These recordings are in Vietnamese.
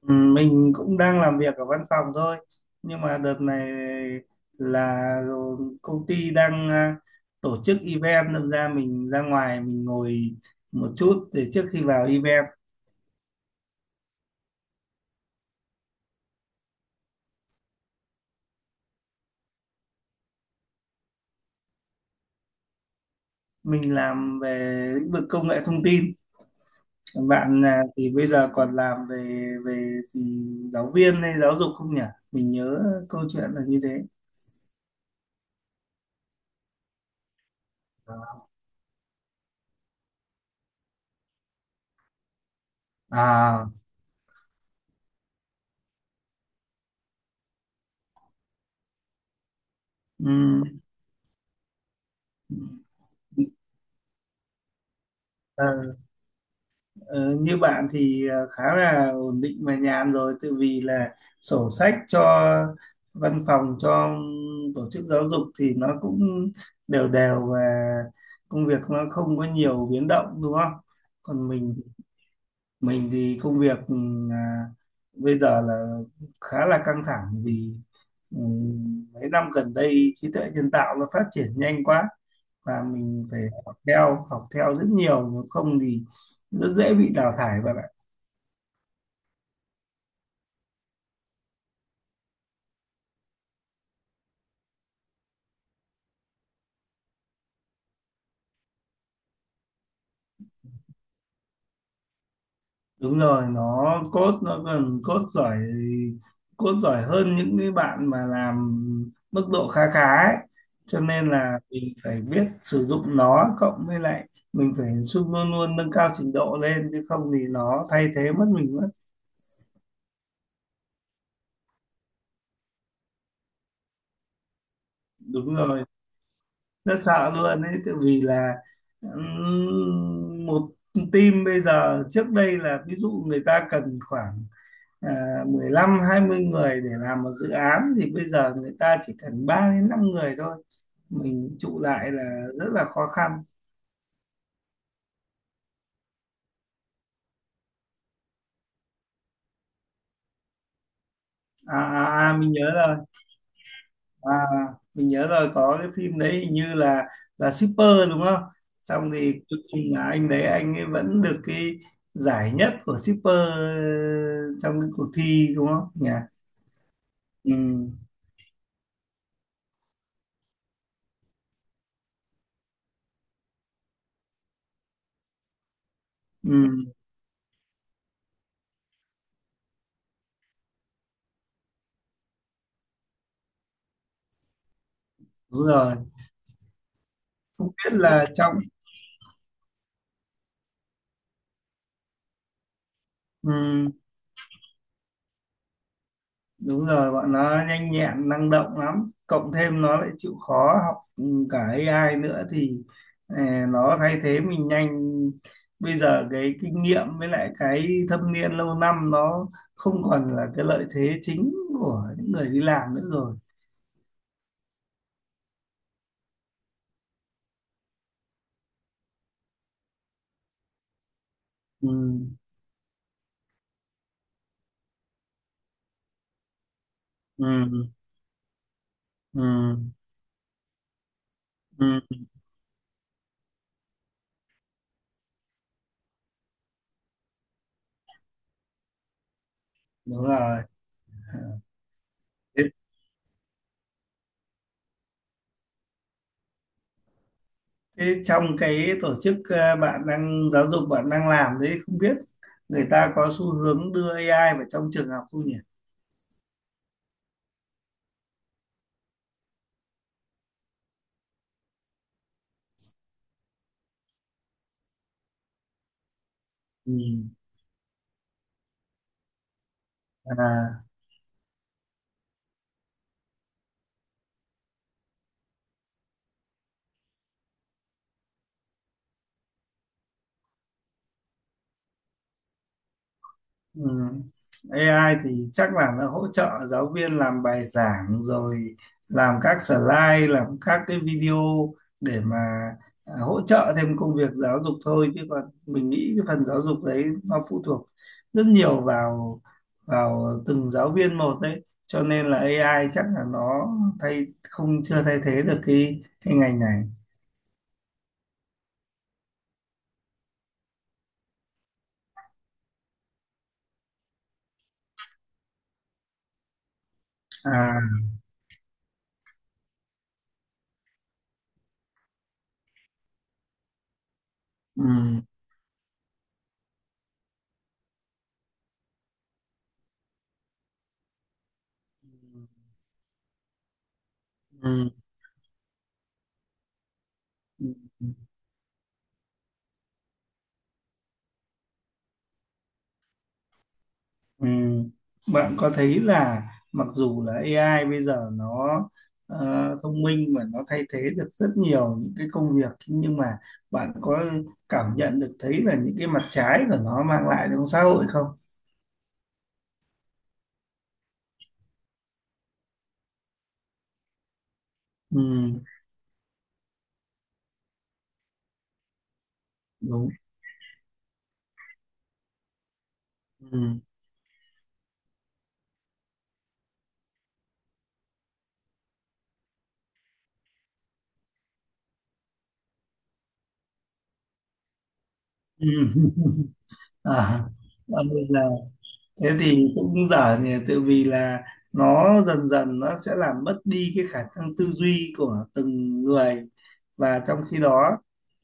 Ừ, mình cũng đang làm việc ở văn phòng thôi, nhưng mà đợt này là công ty đang tổ chức event, nên mình ra ngoài mình ngồi một chút để trước khi vào event. Mình làm về lĩnh vực công nghệ thông tin. Còn bạn à, thì bây giờ còn làm về về thì giáo viên hay giáo dục không nhỉ? Mình nhớ câu chuyện là như thế. à ừ. Ờ, như bạn thì khá là ổn định và nhàn rồi tự vì là sổ sách cho văn phòng, cho tổ chức giáo dục thì nó cũng đều đều và công việc nó không có nhiều biến động đúng không? Còn mình thì công việc à, bây giờ là khá là căng thẳng vì ừ, mấy năm gần đây trí tuệ nhân tạo nó phát triển nhanh quá và mình phải học theo rất nhiều, nếu không thì rất dễ bị đào thải bạn ạ. Đúng rồi, nó code, nó còn code giỏi, code giỏi hơn những cái bạn mà làm mức độ khá khá ấy. Cho nên là mình phải biết sử dụng nó, cộng với lại mình phải luôn luôn nâng cao trình độ lên chứ không thì nó thay thế mất mình mất. Đúng rồi, rất sợ luôn ấy tại vì là một team bây giờ trước đây là ví dụ người ta cần khoảng 15-20 người để làm một dự án, thì bây giờ người ta chỉ cần 3 đến 5 người thôi, mình trụ lại là rất là khó khăn. Mình nhớ rồi, à, mình nhớ rồi, có cái phim đấy hình như là shipper đúng không, xong thì cuối cùng là anh đấy anh ấy vẫn được cái giải nhất của shipper trong cái cuộc thi đúng không nhỉ? Ừ, ừ, đúng rồi. Không biết là trong ừ, Đúng rồi, bọn nó nhanh nhẹn, năng động lắm. Cộng thêm nó lại chịu khó học, cả AI nữa thì ờ, nó thay thế mình nhanh. Bây giờ cái kinh nghiệm với lại cái thâm niên lâu năm nó không còn là cái lợi thế chính của những người đi làm nữa rồi. Ừ, ừ, ừ, ừ. Đúng rồi. Thế, thế, trong cái tổ chức bạn đang giáo dục bạn đang làm đấy, không biết người ta có xu hướng đưa AI vào trong trường học không nhỉ? Ừ. À, ừm. AI thì chắc là nó hỗ trợ giáo viên làm bài giảng rồi, làm các slide, làm các cái video để mà hỗ trợ thêm công việc giáo dục thôi, chứ còn mình nghĩ cái phần giáo dục đấy nó phụ thuộc rất nhiều vào vào từng giáo viên một đấy, cho nên là AI chắc là nó thay không chưa thay thế được cái ngành này. À, ừ, ừ, ừ. Ừ. Bạn có thấy là mặc dù là AI bây giờ nó ờ, thông minh và nó thay thế được rất nhiều những cái công việc, nhưng mà bạn có cảm nhận được thấy là những cái mặt trái của nó mang lại trong xã hội không? Ừ, đúng. Ừ. Ừ. À, bây giờ thế thì cũng dở nhỉ tự vì là nó dần dần nó sẽ làm mất đi cái khả năng tư duy của từng người, và trong khi đó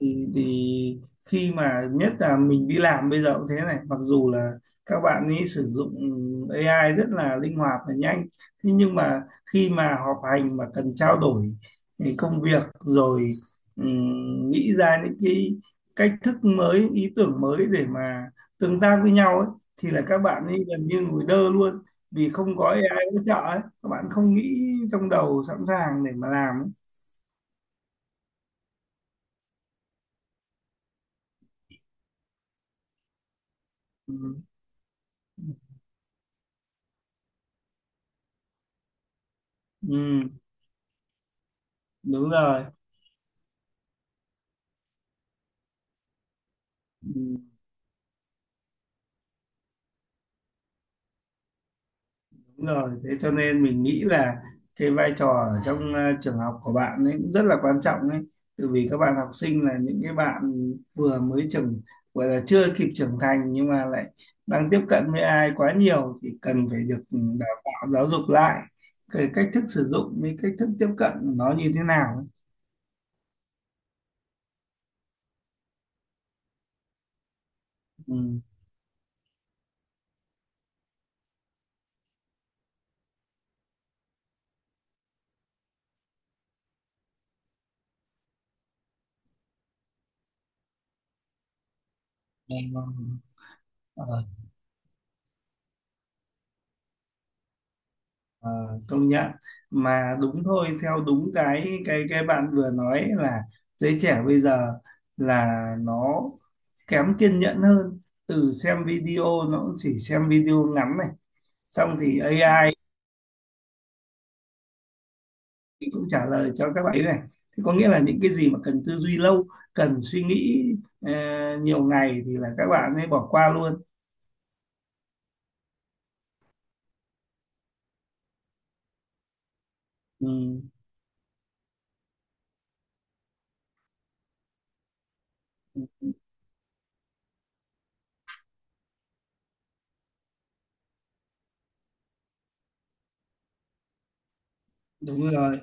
thì khi mà nhất là mình đi làm bây giờ cũng thế này, mặc dù là các bạn ấy sử dụng AI rất là linh hoạt và nhanh, thế nhưng mà khi mà họp hành mà cần trao đổi thì công việc rồi nghĩ ra những cái cách thức mới, ý tưởng mới để mà tương tác với nhau ấy, thì là các bạn ấy gần như ngồi đơ luôn, vì không có AI hỗ trợ ấy. Các bạn không nghĩ trong đầu sẵn sàng để mà làm ấy. Ừ. Ừ, đúng rồi, ừ, đúng rồi, thế cho nên mình nghĩ là cái vai trò ở trong trường học của bạn ấy cũng rất là quan trọng ấy. Tại vì các bạn học sinh là những cái bạn vừa mới trưởng gọi là chưa kịp trưởng thành nhưng mà lại đang tiếp cận với AI quá nhiều thì cần phải được đào tạo giáo dục lại cái cách thức sử dụng với cách thức tiếp cận nó như thế nào ấy. Ừ, nghe ngon. Ờ, ờ, công nhận mà đúng thôi, theo đúng cái bạn vừa nói là giới trẻ bây giờ là nó kém kiên nhẫn hơn, từ xem video nó cũng chỉ xem video ngắn này, xong thì AI thì cũng trả lời cho các bạn ấy này, thì có nghĩa là những cái gì mà cần tư duy lâu, cần suy nghĩ ờ, nhiều ngày thì là các bạn ấy bỏ qua luôn. Ừ, ừ, đúng rồi,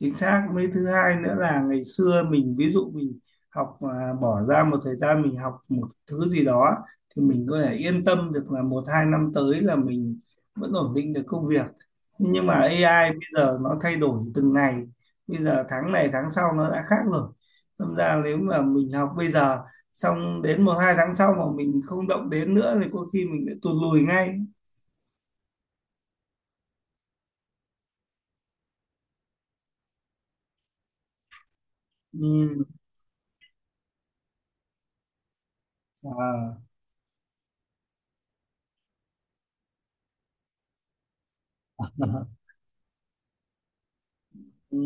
chính xác. Mấy thứ hai nữa là ngày xưa mình ví dụ mình học bỏ ra một thời gian mình học một thứ gì đó, thì mình có thể yên tâm được là một hai năm tới là mình vẫn ổn định được công việc. Thế nhưng mà AI bây giờ nó thay đổi từng ngày, bây giờ tháng này tháng sau nó đã khác rồi, đâm ra nếu mà mình học bây giờ xong đến một hai tháng sau mà mình không động đến nữa thì có khi mình lại tụt lùi ngay. Ừ. À. Ừ.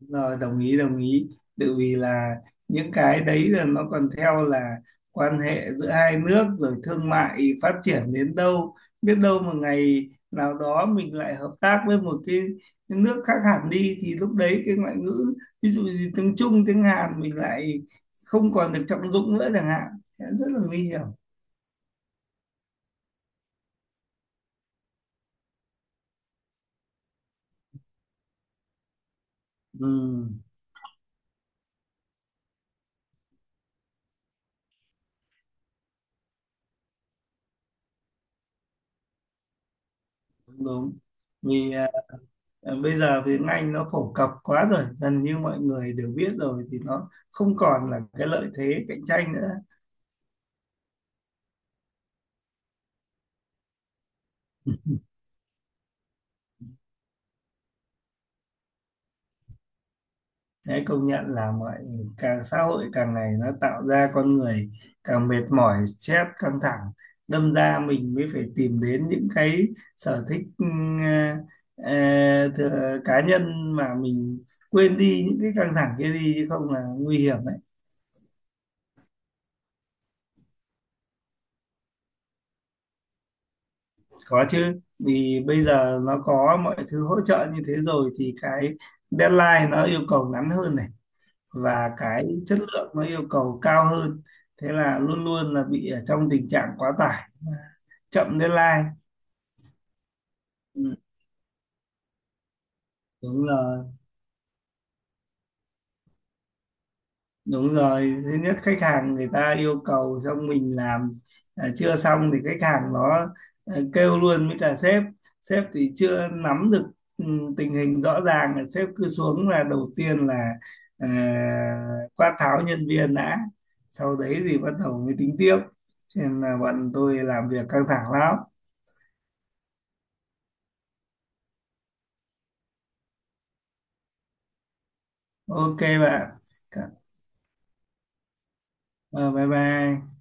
Rồi, đồng ý, đồng ý, tại vì là những cái đấy là nó còn theo là quan hệ giữa hai nước rồi thương mại phát triển đến đâu, biết đâu một ngày nào đó mình lại hợp tác với cái nước khác hẳn đi thì lúc đấy cái ngoại ngữ ví dụ như tiếng Trung tiếng Hàn mình lại không còn được trọng dụng nữa chẳng hạn. Thế rất là nguy hiểm. Ừ, đúng, đúng, vì Ờ, bây giờ tiếng Anh nó phổ cập quá rồi, gần như mọi người đều biết rồi thì nó không còn là cái lợi thế cạnh tranh nữa. Thế công nhận là càng xã hội càng ngày nó tạo ra con người càng mệt mỏi, stress, căng thẳng. Đâm ra mình mới phải tìm đến những cái sở thích ờ, thừa, cá nhân mà mình quên đi những cái căng thẳng kia đi chứ không là nguy hiểm đấy. Có chứ, vì bây giờ nó có mọi thứ hỗ trợ như thế rồi thì cái deadline nó yêu cầu ngắn hơn này và cái chất lượng nó yêu cầu cao hơn. Thế là luôn luôn là bị ở trong tình trạng quá tải, chậm deadline. Ừ, đúng rồi. Đúng rồi, thứ nhất khách hàng người ta yêu cầu xong mình làm chưa xong thì khách hàng nó kêu luôn với cả sếp. Sếp thì chưa nắm được ừ, tình hình rõ ràng là sếp cứ xuống là đầu tiên là à, quát tháo nhân viên đã. Sau đấy thì bắt đầu mới tính tiếp. Cho nên là bọn tôi làm việc căng thẳng lắm. Ok bạn. Ờ, bye bye.